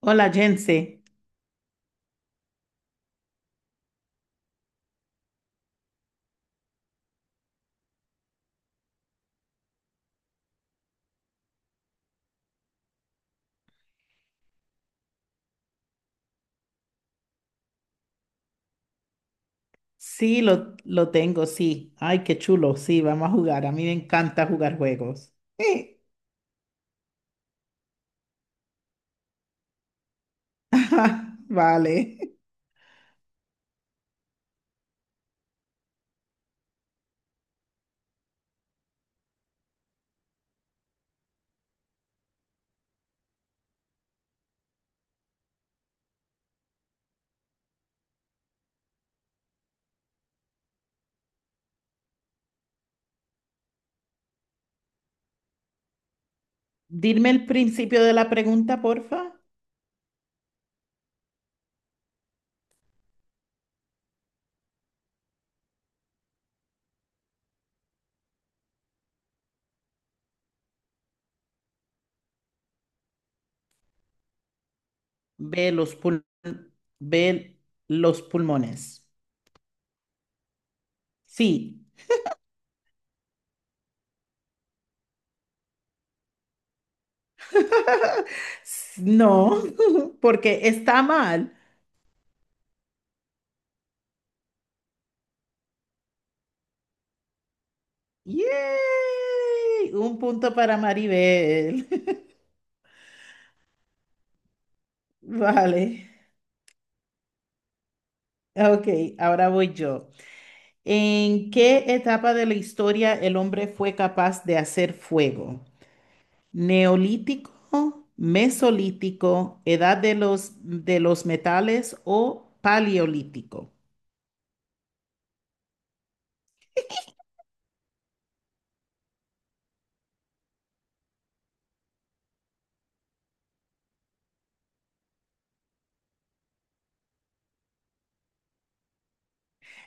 Hola, Jense. Sí, lo tengo, sí. Ay, qué chulo. Sí, vamos a jugar. A mí me encanta jugar juegos. Sí. Vale. Dime el principio de la pregunta, porfa. Ve los pul- ve los pulmones. Sí. No, porque está mal. ¡Yay! Un punto para Maribel. Vale. Ok, ahora voy yo. ¿En qué etapa de la historia el hombre fue capaz de hacer fuego? ¿Neolítico, mesolítico, edad de los metales o paleolítico?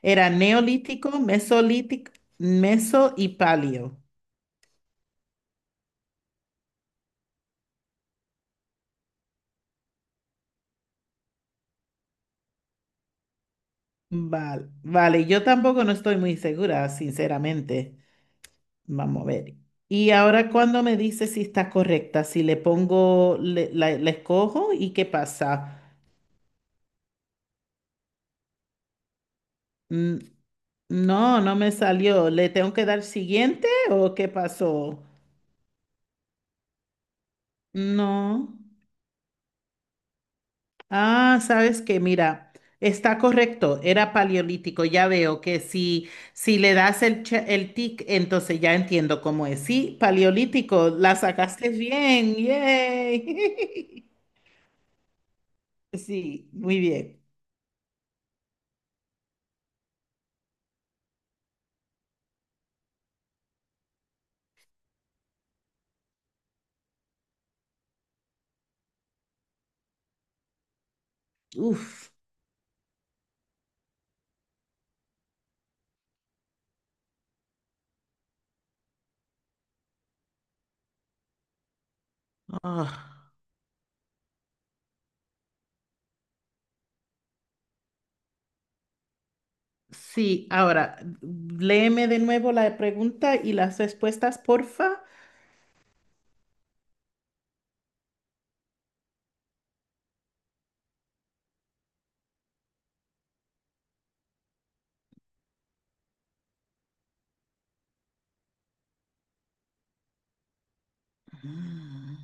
Era neolítico, mesolítico, meso y paleo. Vale, vale, yo tampoco no estoy muy segura, sinceramente. Vamos a ver. Y ahora cuando me dice si está correcta, si le pongo, la escojo y qué pasa. Mm, No, no me salió. ¿Le tengo que dar siguiente o qué pasó? No. Ah, sabes que mira, está correcto, era paleolítico. Ya veo que si le das el tic, entonces ya entiendo cómo es. Sí, paleolítico, la sacaste bien. ¡Yay! Sí, muy bien. Uf. Ah, sí, ahora, léeme de nuevo la pregunta y las respuestas, porfa. Mm.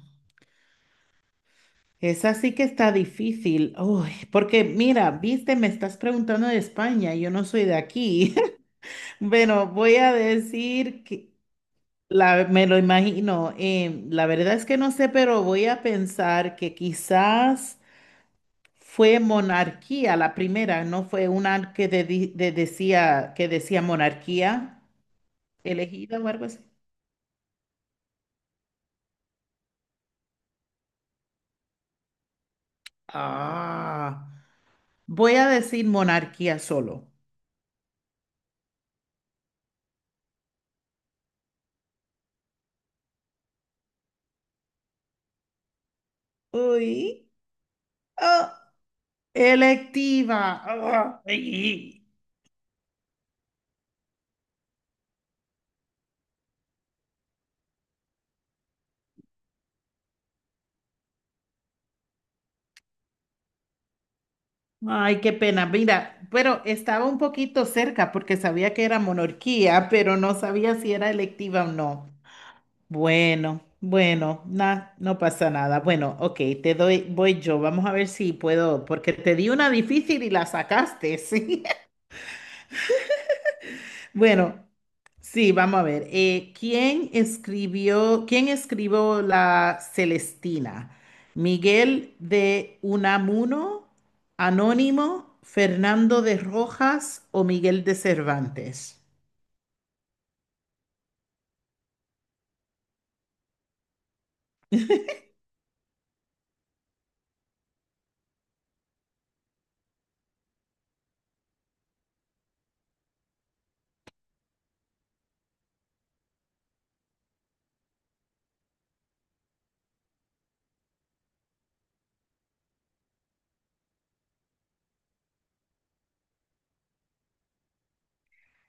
Esa sí que está difícil. Uy, porque mira, viste, me estás preguntando de España, yo no soy de aquí. Bueno, voy a decir que la, me lo imagino. La verdad es que no sé, pero voy a pensar que quizás fue monarquía la primera, no fue una que decía que decía monarquía elegida o algo así. Ah, voy a decir monarquía solo. Uy. Ah. Electiva. Ah, ay, ay, qué pena. Mira, pero estaba un poquito cerca porque sabía que era monarquía, pero no sabía si era electiva o no. Bueno, bueno, nada, no pasa nada. Bueno, ok, te doy, voy yo. Vamos a ver si puedo, porque te di una difícil y la sacaste, sí. Bueno, sí, vamos a ver. Quién escribió la Celestina? ¿Miguel de Unamuno, Anónimo, Fernando de Rojas o Miguel de Cervantes?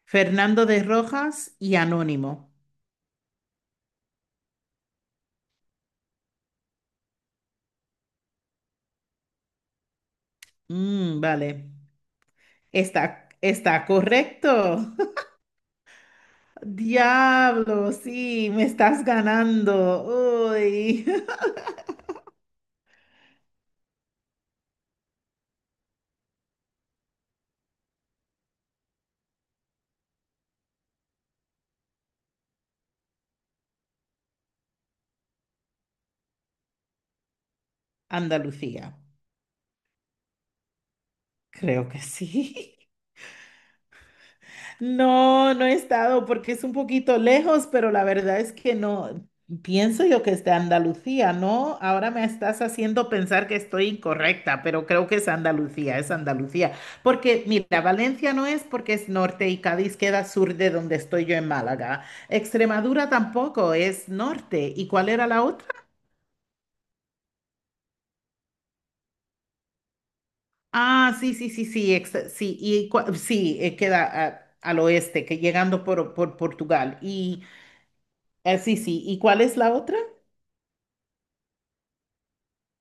Fernando de Rojas y Anónimo. Mm, vale. Está correcto. Diablo, sí, me estás ganando. Uy. Andalucía. Creo que sí. No, no he estado porque es un poquito lejos, pero la verdad es que no. Pienso yo que es de Andalucía, ¿no? Ahora me estás haciendo pensar que estoy incorrecta, pero creo que es Andalucía, es Andalucía. Porque, mira, Valencia no es porque es norte y Cádiz queda sur de donde estoy yo en Málaga. Extremadura tampoco es norte. ¿Y cuál era la otra? Ah, sí, sí, sí, sí, sí, y sí, queda al oeste, que llegando por Portugal. Y sí, sí, ¿y cuál es la otra?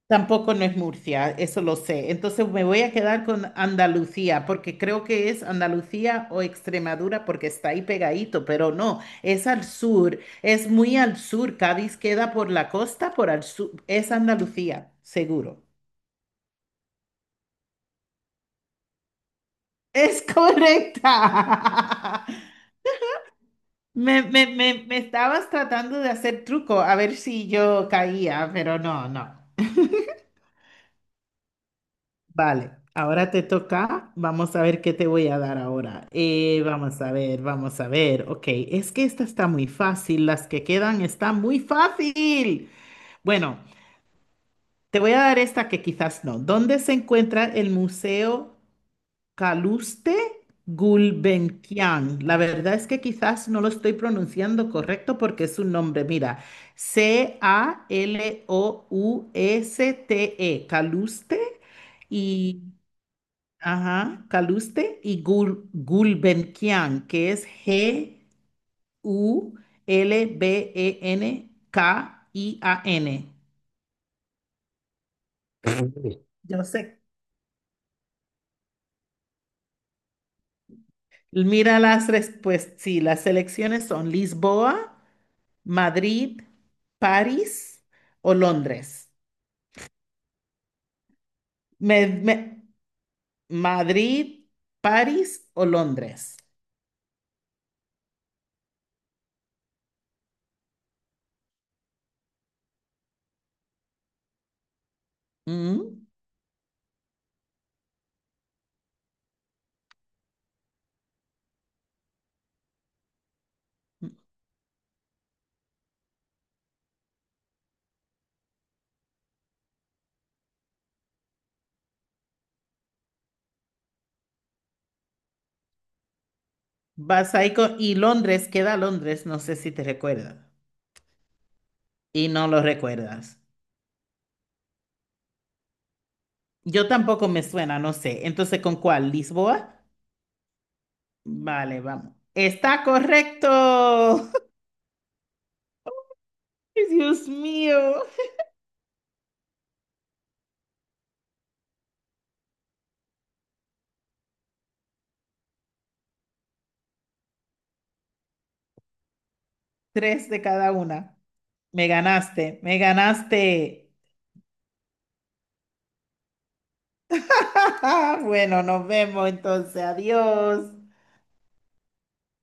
Tampoco no es Murcia, eso lo sé. Entonces me voy a quedar con Andalucía, porque creo que es Andalucía o Extremadura, porque está ahí pegadito, pero no, es al sur, es muy al sur. Cádiz queda por la costa, por al sur. Es Andalucía, seguro. Es correcta. Me estabas tratando de hacer truco, a ver si yo caía, pero no, no. Vale, ahora te toca. Vamos a ver qué te voy a dar ahora. Vamos a ver, vamos a ver. Ok, es que esta está muy fácil. Las que quedan están muy fácil. Bueno, te voy a dar esta que quizás no. ¿Dónde se encuentra el Museo Caluste Gulbenkian? La verdad es que quizás no lo estoy pronunciando correcto porque es un nombre. Mira, Calouste, Caluste. Y ajá, Caluste y Gulbenkian, que es Gulbenkian. Yo sé. Mira las respuestas. Sí, las selecciones son Lisboa, Madrid, París o Londres. Me- me- Madrid, París o Londres. Mm. Vas ahí y Londres, queda Londres, no sé si te recuerdas. Y no lo recuerdas. Yo tampoco me suena, no sé. Entonces, ¿con cuál? ¿Lisboa? Vale, vamos. Está correcto. Dios mío. Tres de cada una. Me ganaste, me ganaste. Bueno, nos vemos entonces. Adiós.